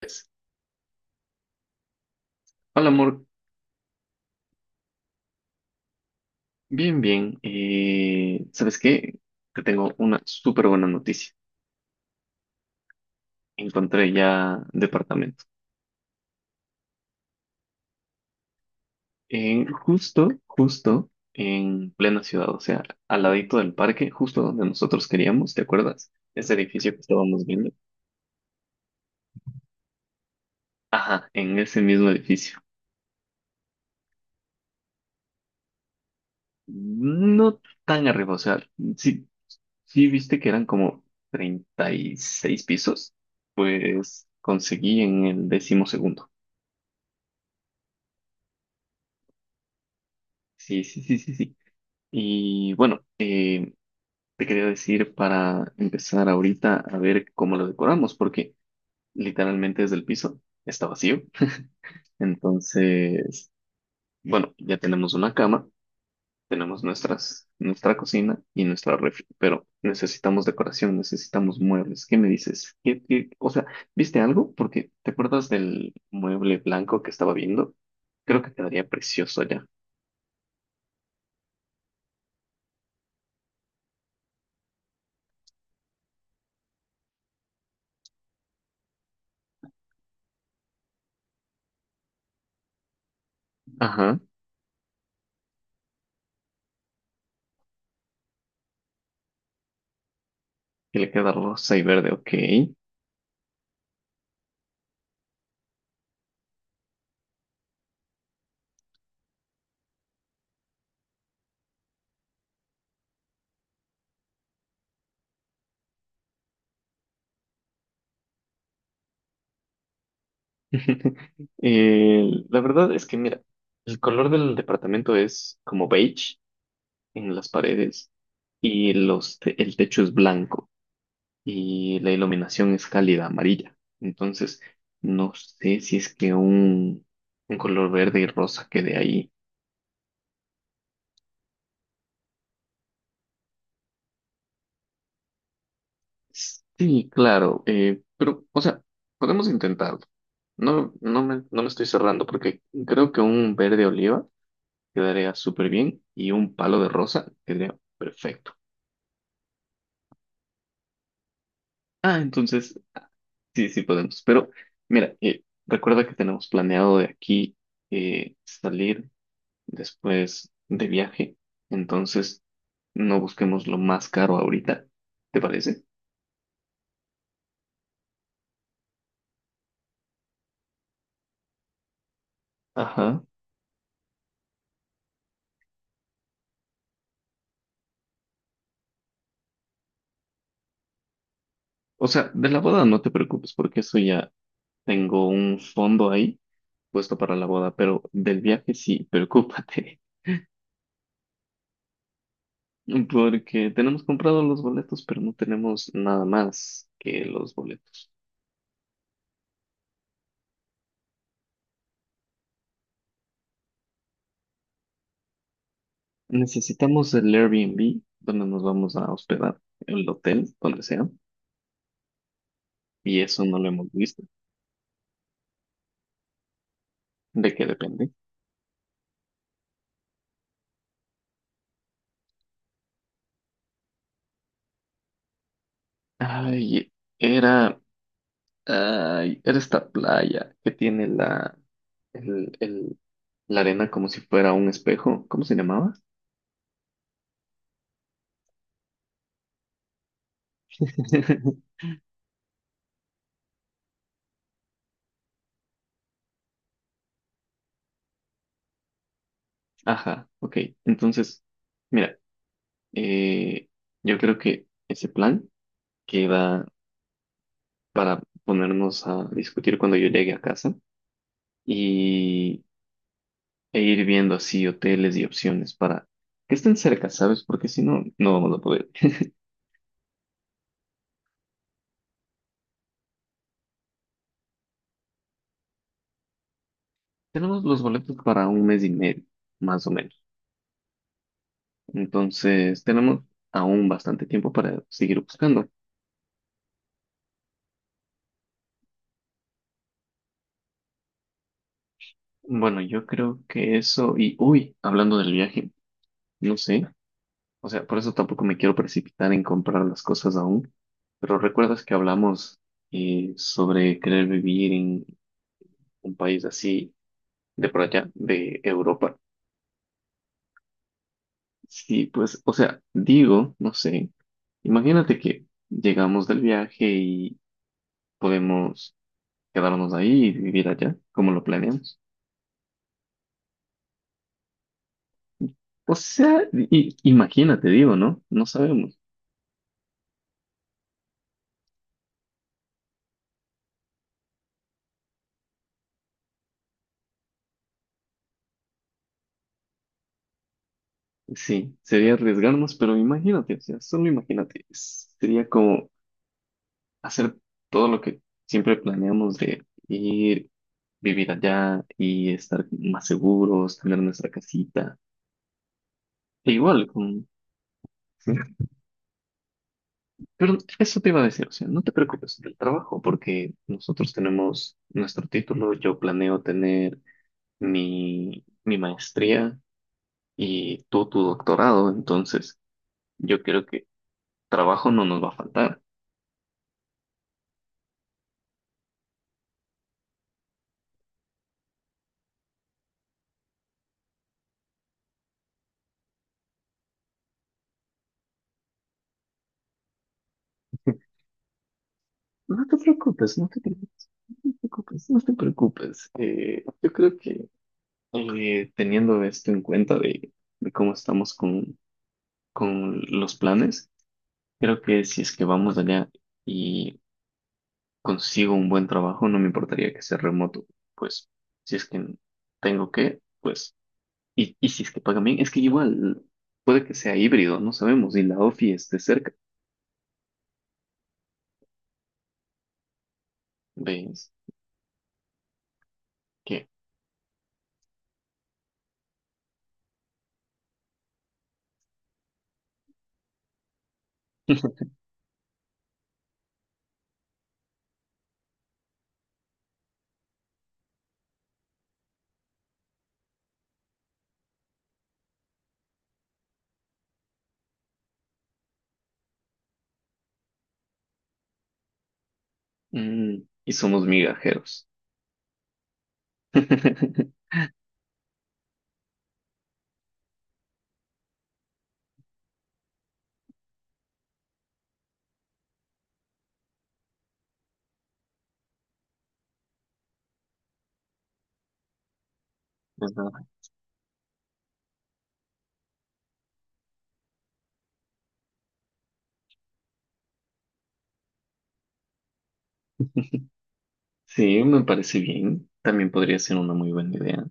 Pues, hola amor, bien, bien. ¿Sabes qué? Te tengo una súper buena noticia. Encontré ya departamento. Justo, justo en plena ciudad, o sea, al ladito del parque, justo donde nosotros queríamos, ¿te acuerdas? Ese edificio que estábamos viendo. Ajá, en ese mismo edificio. No tan arriba, o sea, sí, sí viste que eran como 36 pisos, pues conseguí en el 12.º. Sí, sí, sí, sí, sí. Y bueno, te quería decir para empezar ahorita a ver cómo lo decoramos, porque literalmente desde el piso está vacío. Entonces, bueno, ya tenemos una cama, tenemos nuestra cocina y nuestra refri, pero necesitamos decoración, necesitamos muebles. ¿Qué me dices? O sea, ¿viste algo? Porque ¿te acuerdas del mueble blanco que estaba viendo? Creo que quedaría precioso allá. Ajá, que le queda rosa y verde, ok. Eh, la verdad es que, mira, el color del departamento es como beige en las paredes y el techo es blanco y la iluminación es cálida amarilla. Entonces, no sé si es que un color verde y rosa quede ahí. Sí, claro, pero, o sea, podemos intentarlo. No, no me estoy cerrando porque creo que un verde oliva quedaría súper bien y un palo de rosa quedaría perfecto. Ah, entonces sí, sí podemos. Pero mira, recuerda que tenemos planeado de aquí salir después de viaje. Entonces no busquemos lo más caro ahorita. ¿Te parece? Ajá. O sea, de la boda no te preocupes porque eso ya tengo un fondo ahí puesto para la boda, pero del viaje sí, preocúpate. Porque tenemos comprado los boletos, pero no tenemos nada más que los boletos. Necesitamos el Airbnb donde nos vamos a hospedar, el hotel, donde sea, y eso no lo hemos visto. ¿De qué depende? Ay, era, ay, era esta playa que tiene el, el- la arena como si fuera un espejo. ¿Cómo se llamaba? Ajá, ok. Entonces, mira, eh, yo creo que ese plan queda para ponernos a discutir cuando yo llegue a casa e ir viendo así hoteles y opciones para que estén cerca, ¿sabes? Porque si no, no vamos a poder. Tenemos los boletos para un mes y medio, más o menos. Entonces, tenemos aún bastante tiempo para seguir buscando. Bueno, yo creo que eso, y uy, hablando del viaje, no sé, o sea, por eso tampoco me quiero precipitar en comprar las cosas aún, pero recuerdas que hablamos sobre querer vivir en un país así de por allá, de Europa. Sí, pues, o sea, digo, no sé, imagínate que llegamos del viaje y podemos quedarnos ahí y vivir allá, como lo planeamos. O sea, imagínate, digo, ¿no? No sabemos. Sí, sería arriesgarnos, pero imagínate, o sea, solo imagínate, sería como hacer todo lo que siempre planeamos de ir, vivir allá y estar más seguros, tener nuestra casita. E igual, con... Pero eso te iba a decir, o sea, no te preocupes del trabajo porque nosotros tenemos nuestro título, yo planeo tener mi maestría y tú tu doctorado, entonces yo creo que trabajo no nos va a faltar. No te preocupes, no te preocupes, no te preocupes. Yo creo que teniendo esto en cuenta de cómo estamos con los planes, creo que si es que vamos allá y consigo un buen trabajo, no me importaría que sea remoto, pues si es que tengo que, pues, y si es que pagan bien, es que igual puede que sea híbrido, no sabemos, y la ofi esté cerca, ¿ves? ¿Qué? Mm, y somos migajeros. Pues nada. Sí, me parece bien, también podría ser una muy buena idea.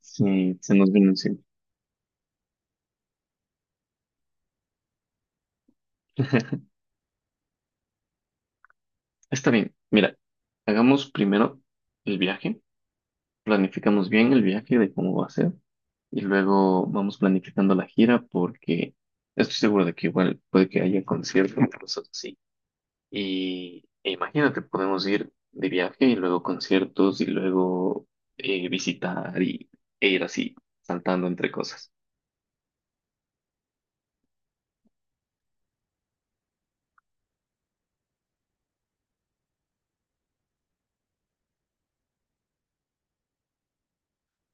Sí, se nos viene encima. Está bien, mira, hagamos primero el viaje. Planificamos bien el viaje de cómo va a ser y luego vamos planificando la gira porque estoy seguro de que igual puede que haya conciertos y cosas así. Y e imagínate, podemos ir de viaje y luego conciertos y luego visitar y, e ir así, saltando entre cosas.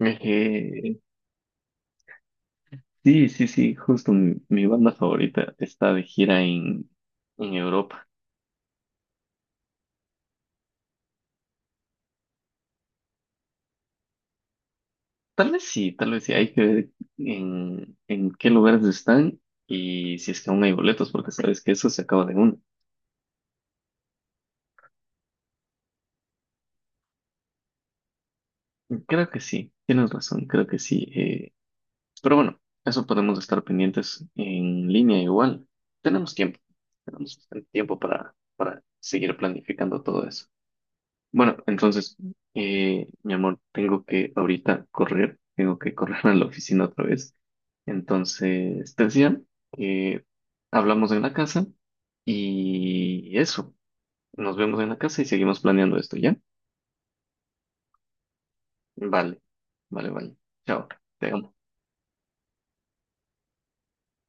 Eh, sí, sí, sí, justo mi banda favorita está de gira en Europa. Tal vez sí, tal vez sí. Hay que ver en qué lugares están y si es que aún hay boletos, porque sabes que eso se acaba de uno. Creo que sí, tienes razón, creo que sí. Pero bueno, eso podemos estar pendientes en línea igual. Tenemos tiempo, tenemos bastante tiempo para seguir planificando todo eso. Bueno, entonces, mi amor, tengo que ahorita correr, tengo que correr a la oficina otra vez. Entonces, te decía que hablamos en la casa y eso, nos vemos en la casa y seguimos planeando esto, ¿ya? Vale, vale, vale. Chao, te dejo.